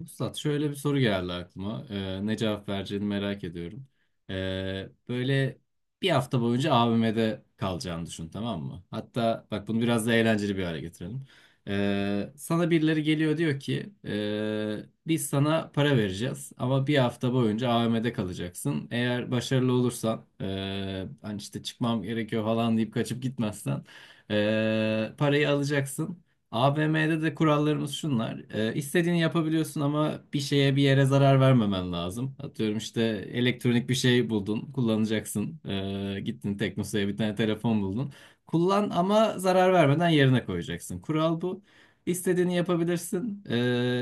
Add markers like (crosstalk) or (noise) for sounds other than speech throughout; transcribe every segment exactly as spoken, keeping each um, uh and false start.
Üstad şöyle bir soru geldi aklıma. Ee, ne cevap vereceğini merak ediyorum. Ee, böyle bir hafta boyunca A V M'de kalacağını düşün, tamam mı? Hatta bak, bunu biraz da eğlenceli bir hale getirelim. Ee, sana birileri geliyor, diyor ki "Ee, biz sana para vereceğiz ama bir hafta boyunca A V M'de kalacaksın. Eğer başarılı olursan ee, hani işte çıkmam gerekiyor falan deyip kaçıp gitmezsen ee, parayı alacaksın. A V M'de de kurallarımız şunlar. Ee, istediğini yapabiliyorsun ama bir şeye, bir yere zarar vermemen lazım. Atıyorum, işte elektronik bir şey buldun, kullanacaksın. Ee, gittin Teknosa'ya, bir tane telefon buldun. Kullan ama zarar vermeden yerine koyacaksın. Kural bu. İstediğini yapabilirsin. Ee,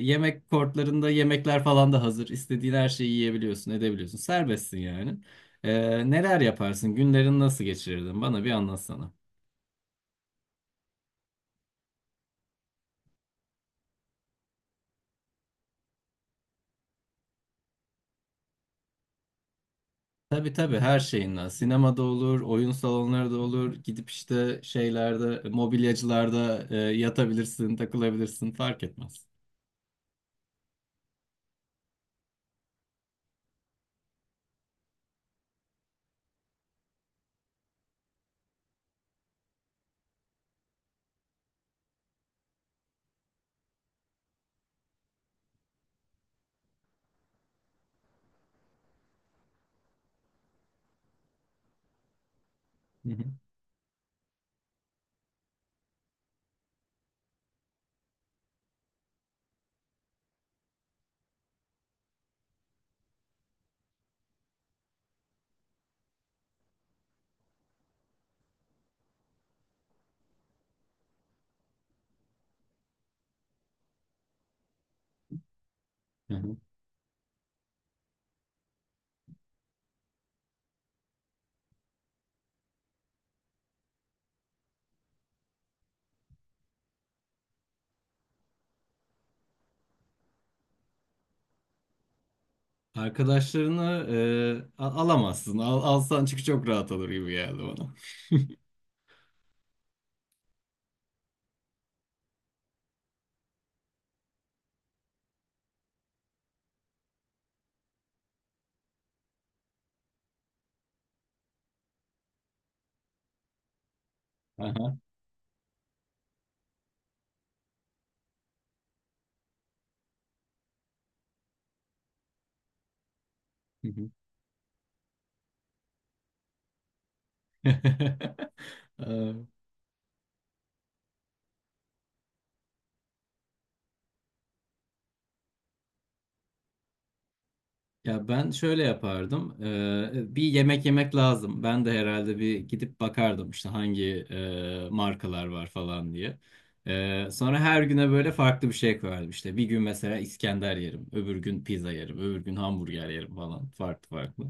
Yemek kortlarında yemekler falan da hazır. İstediğin her şeyi yiyebiliyorsun, edebiliyorsun. Serbestsin yani. Ee, neler yaparsın? Günlerini nasıl geçirirdin? Bana bir anlatsana. Tabii tabii, her şeyinden. Sinemada olur, oyun salonları da olur. Gidip işte şeylerde, mobilyacılarda e, yatabilirsin, takılabilirsin, fark etmez. Hı hı. Hı hı. Arkadaşlarını e, a- alamazsın. Al, alsan çünkü çok rahat olur gibi geldi bana. Aha. Hı hı. (laughs) Ya ben şöyle yapardım. Ee, bir yemek yemek lazım. Ben de herhalde bir gidip bakardım işte hangi e, markalar var falan diye. Ee, sonra her güne böyle farklı bir şey koyardım. İşte bir gün mesela İskender yerim, öbür gün pizza yerim, öbür gün hamburger yerim falan, farklı farklı.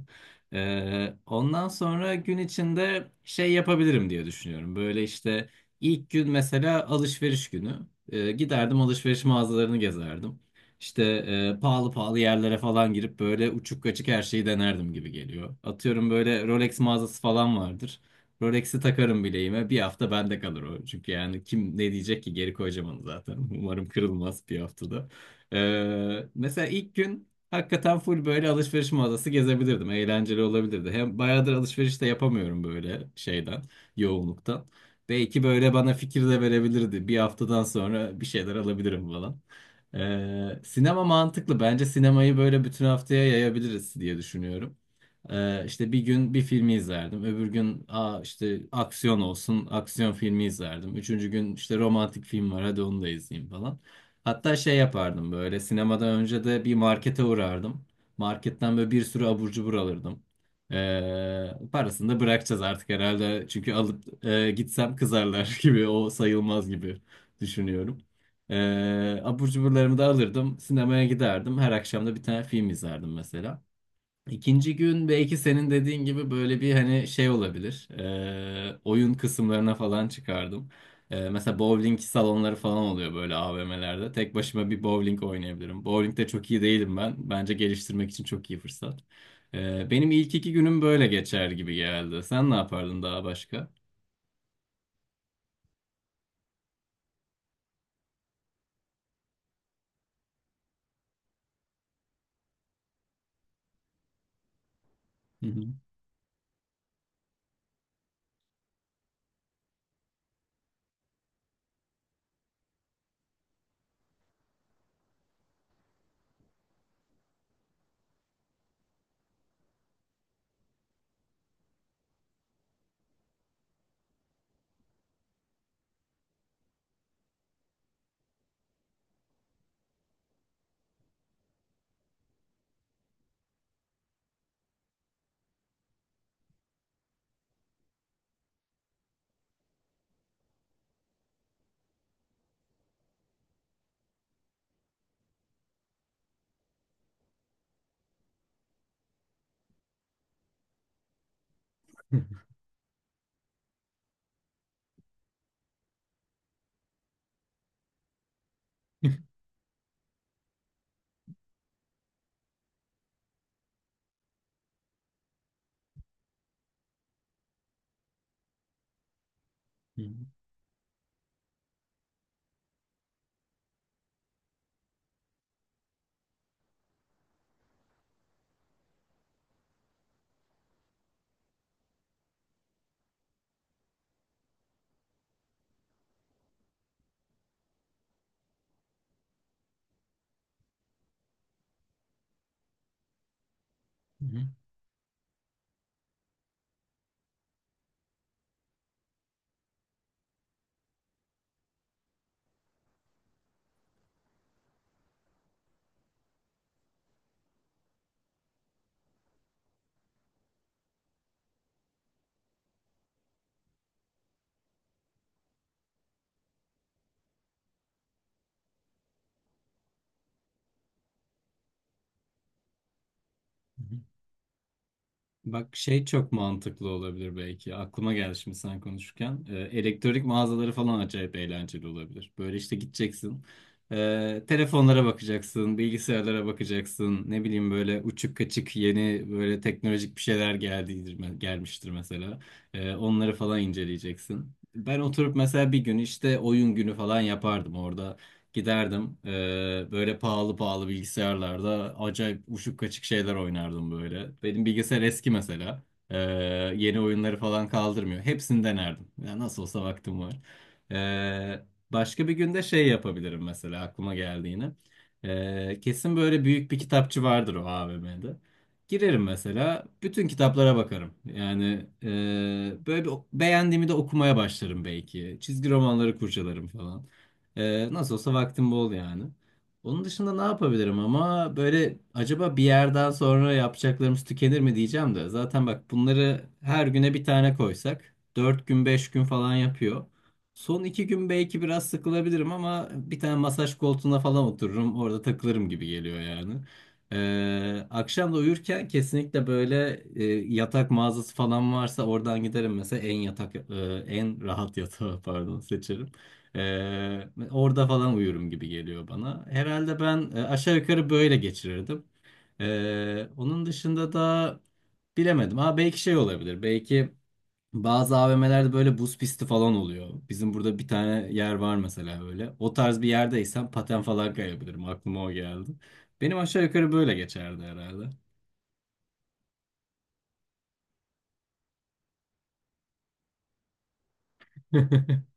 Ee, ondan sonra gün içinde şey yapabilirim diye düşünüyorum. Böyle işte ilk gün mesela alışveriş günü. Ee, giderdim, alışveriş mağazalarını gezerdim. İşte e, pahalı pahalı yerlere falan girip böyle uçuk kaçık her şeyi denerdim gibi geliyor. Atıyorum, böyle Rolex mağazası falan vardır. Rolex'i takarım bileğime. Bir hafta bende kalır o. Çünkü yani kim ne diyecek ki, geri koyacağım onu zaten. (laughs) Umarım kırılmaz bir haftada. E, mesela ilk gün hakikaten full böyle alışveriş mağazası gezebilirdim. Eğlenceli olabilirdi. Hem bayağıdır alışveriş de yapamıyorum böyle şeyden, yoğunluktan. Belki böyle bana fikir de verebilirdi. Bir haftadan sonra bir şeyler alabilirim falan. Ee, sinema mantıklı. Bence sinemayı böyle bütün haftaya yayabiliriz diye düşünüyorum. Ee, işte bir gün bir filmi izlerdim. Öbür gün aa işte aksiyon olsun, aksiyon filmi izlerdim. Üçüncü gün işte romantik film var, hadi onu da izleyeyim falan. Hatta şey yapardım, böyle sinemadan önce de bir markete uğrardım. Marketten böyle bir sürü abur cubur alırdım. Ee, parasını da bırakacağız artık herhalde. Çünkü alıp e, gitsem kızarlar (laughs) gibi, o sayılmaz gibi düşünüyorum. Ee, abur cuburlarımı da alırdım. Sinemaya giderdim. Her akşam da bir tane film izlerdim mesela. İkinci gün belki senin dediğin gibi böyle bir hani şey olabilir. Ee, oyun kısımlarına falan çıkardım. Ee, mesela bowling salonları falan oluyor böyle A V M'lerde. Tek başıma bir bowling oynayabilirim. Bowling'de çok iyi değilim ben. Bence geliştirmek için çok iyi fırsat. Ee, benim ilk iki günüm böyle geçer gibi geldi. Sen ne yapardın daha başka? Hı hı. (laughs) Hı hı. Hı hı. Bak şey çok mantıklı olabilir belki. Aklıma geldi şimdi sen konuşurken. Ee, elektronik mağazaları falan acayip eğlenceli olabilir. Böyle işte gideceksin. Ee, telefonlara bakacaksın, bilgisayarlara bakacaksın. Ne bileyim, böyle uçuk kaçık yeni böyle teknolojik bir şeyler geldiğidir, gelmiştir mesela. Ee, onları falan inceleyeceksin. Ben oturup mesela bir gün işte oyun günü falan yapardım orada. Giderdim eee, böyle pahalı pahalı bilgisayarlarda acayip uçuk kaçık şeyler oynardım böyle. Benim bilgisayar eski mesela. Eee, Yeni oyunları falan kaldırmıyor. Hepsini denerdim. Ya nasıl olsa vaktim var. Eee, Başka bir günde şey yapabilirim mesela, aklıma geldi yine. Eee, kesin böyle büyük bir kitapçı vardır o A V M'de. Girerim mesela, bütün kitaplara bakarım. Yani eee, böyle bir, beğendiğimi de okumaya başlarım belki. Çizgi romanları kurcalarım falan. Ee, nasıl olsa vaktim bol yani. Onun dışında ne yapabilirim ama böyle, acaba bir yerden sonra yapacaklarımız tükenir mi diyeceğim de. Zaten bak bunları her güne bir tane koysak dört gün beş gün falan yapıyor. Son iki gün belki biraz sıkılabilirim ama bir tane masaj koltuğuna falan otururum, orada takılırım gibi geliyor yani. Ee, akşam da uyurken kesinlikle böyle e, yatak mağazası falan varsa oradan giderim mesela, en yatak e, en rahat yatağı (laughs) pardon seçerim. Ee, orada falan uyurum gibi geliyor bana. Herhalde ben e, aşağı yukarı böyle geçirirdim. Ee, onun dışında da bilemedim. Ha belki şey olabilir. Belki bazı A V M'lerde böyle buz pisti falan oluyor. Bizim burada bir tane yer var mesela öyle. O tarz bir yerdeysem paten falan kayabilirim. Aklıma o geldi. Benim aşağı yukarı böyle geçerdi herhalde. (laughs)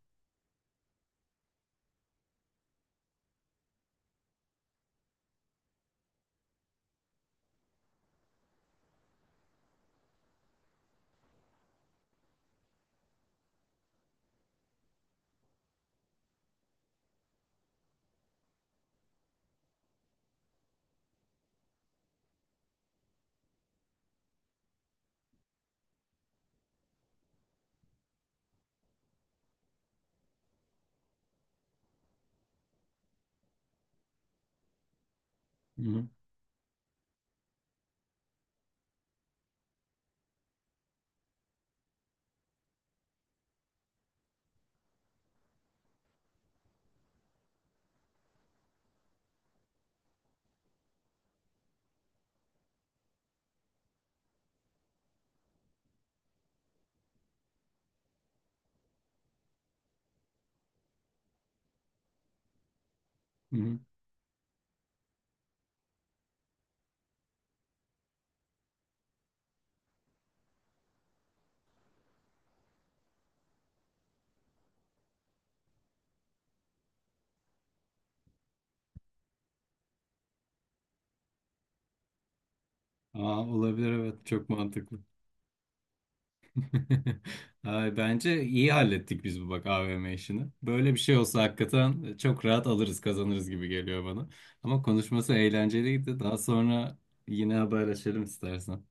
Hı hı, hı hı. Aa, olabilir evet, çok mantıklı. (laughs) Ay, bence iyi hallettik biz bu bak A V M işini. Böyle bir şey olsa hakikaten çok rahat alırız, kazanırız gibi geliyor bana. Ama konuşması eğlenceliydi. Daha sonra yine haberleşelim istersen.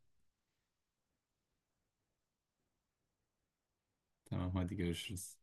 Tamam, hadi görüşürüz.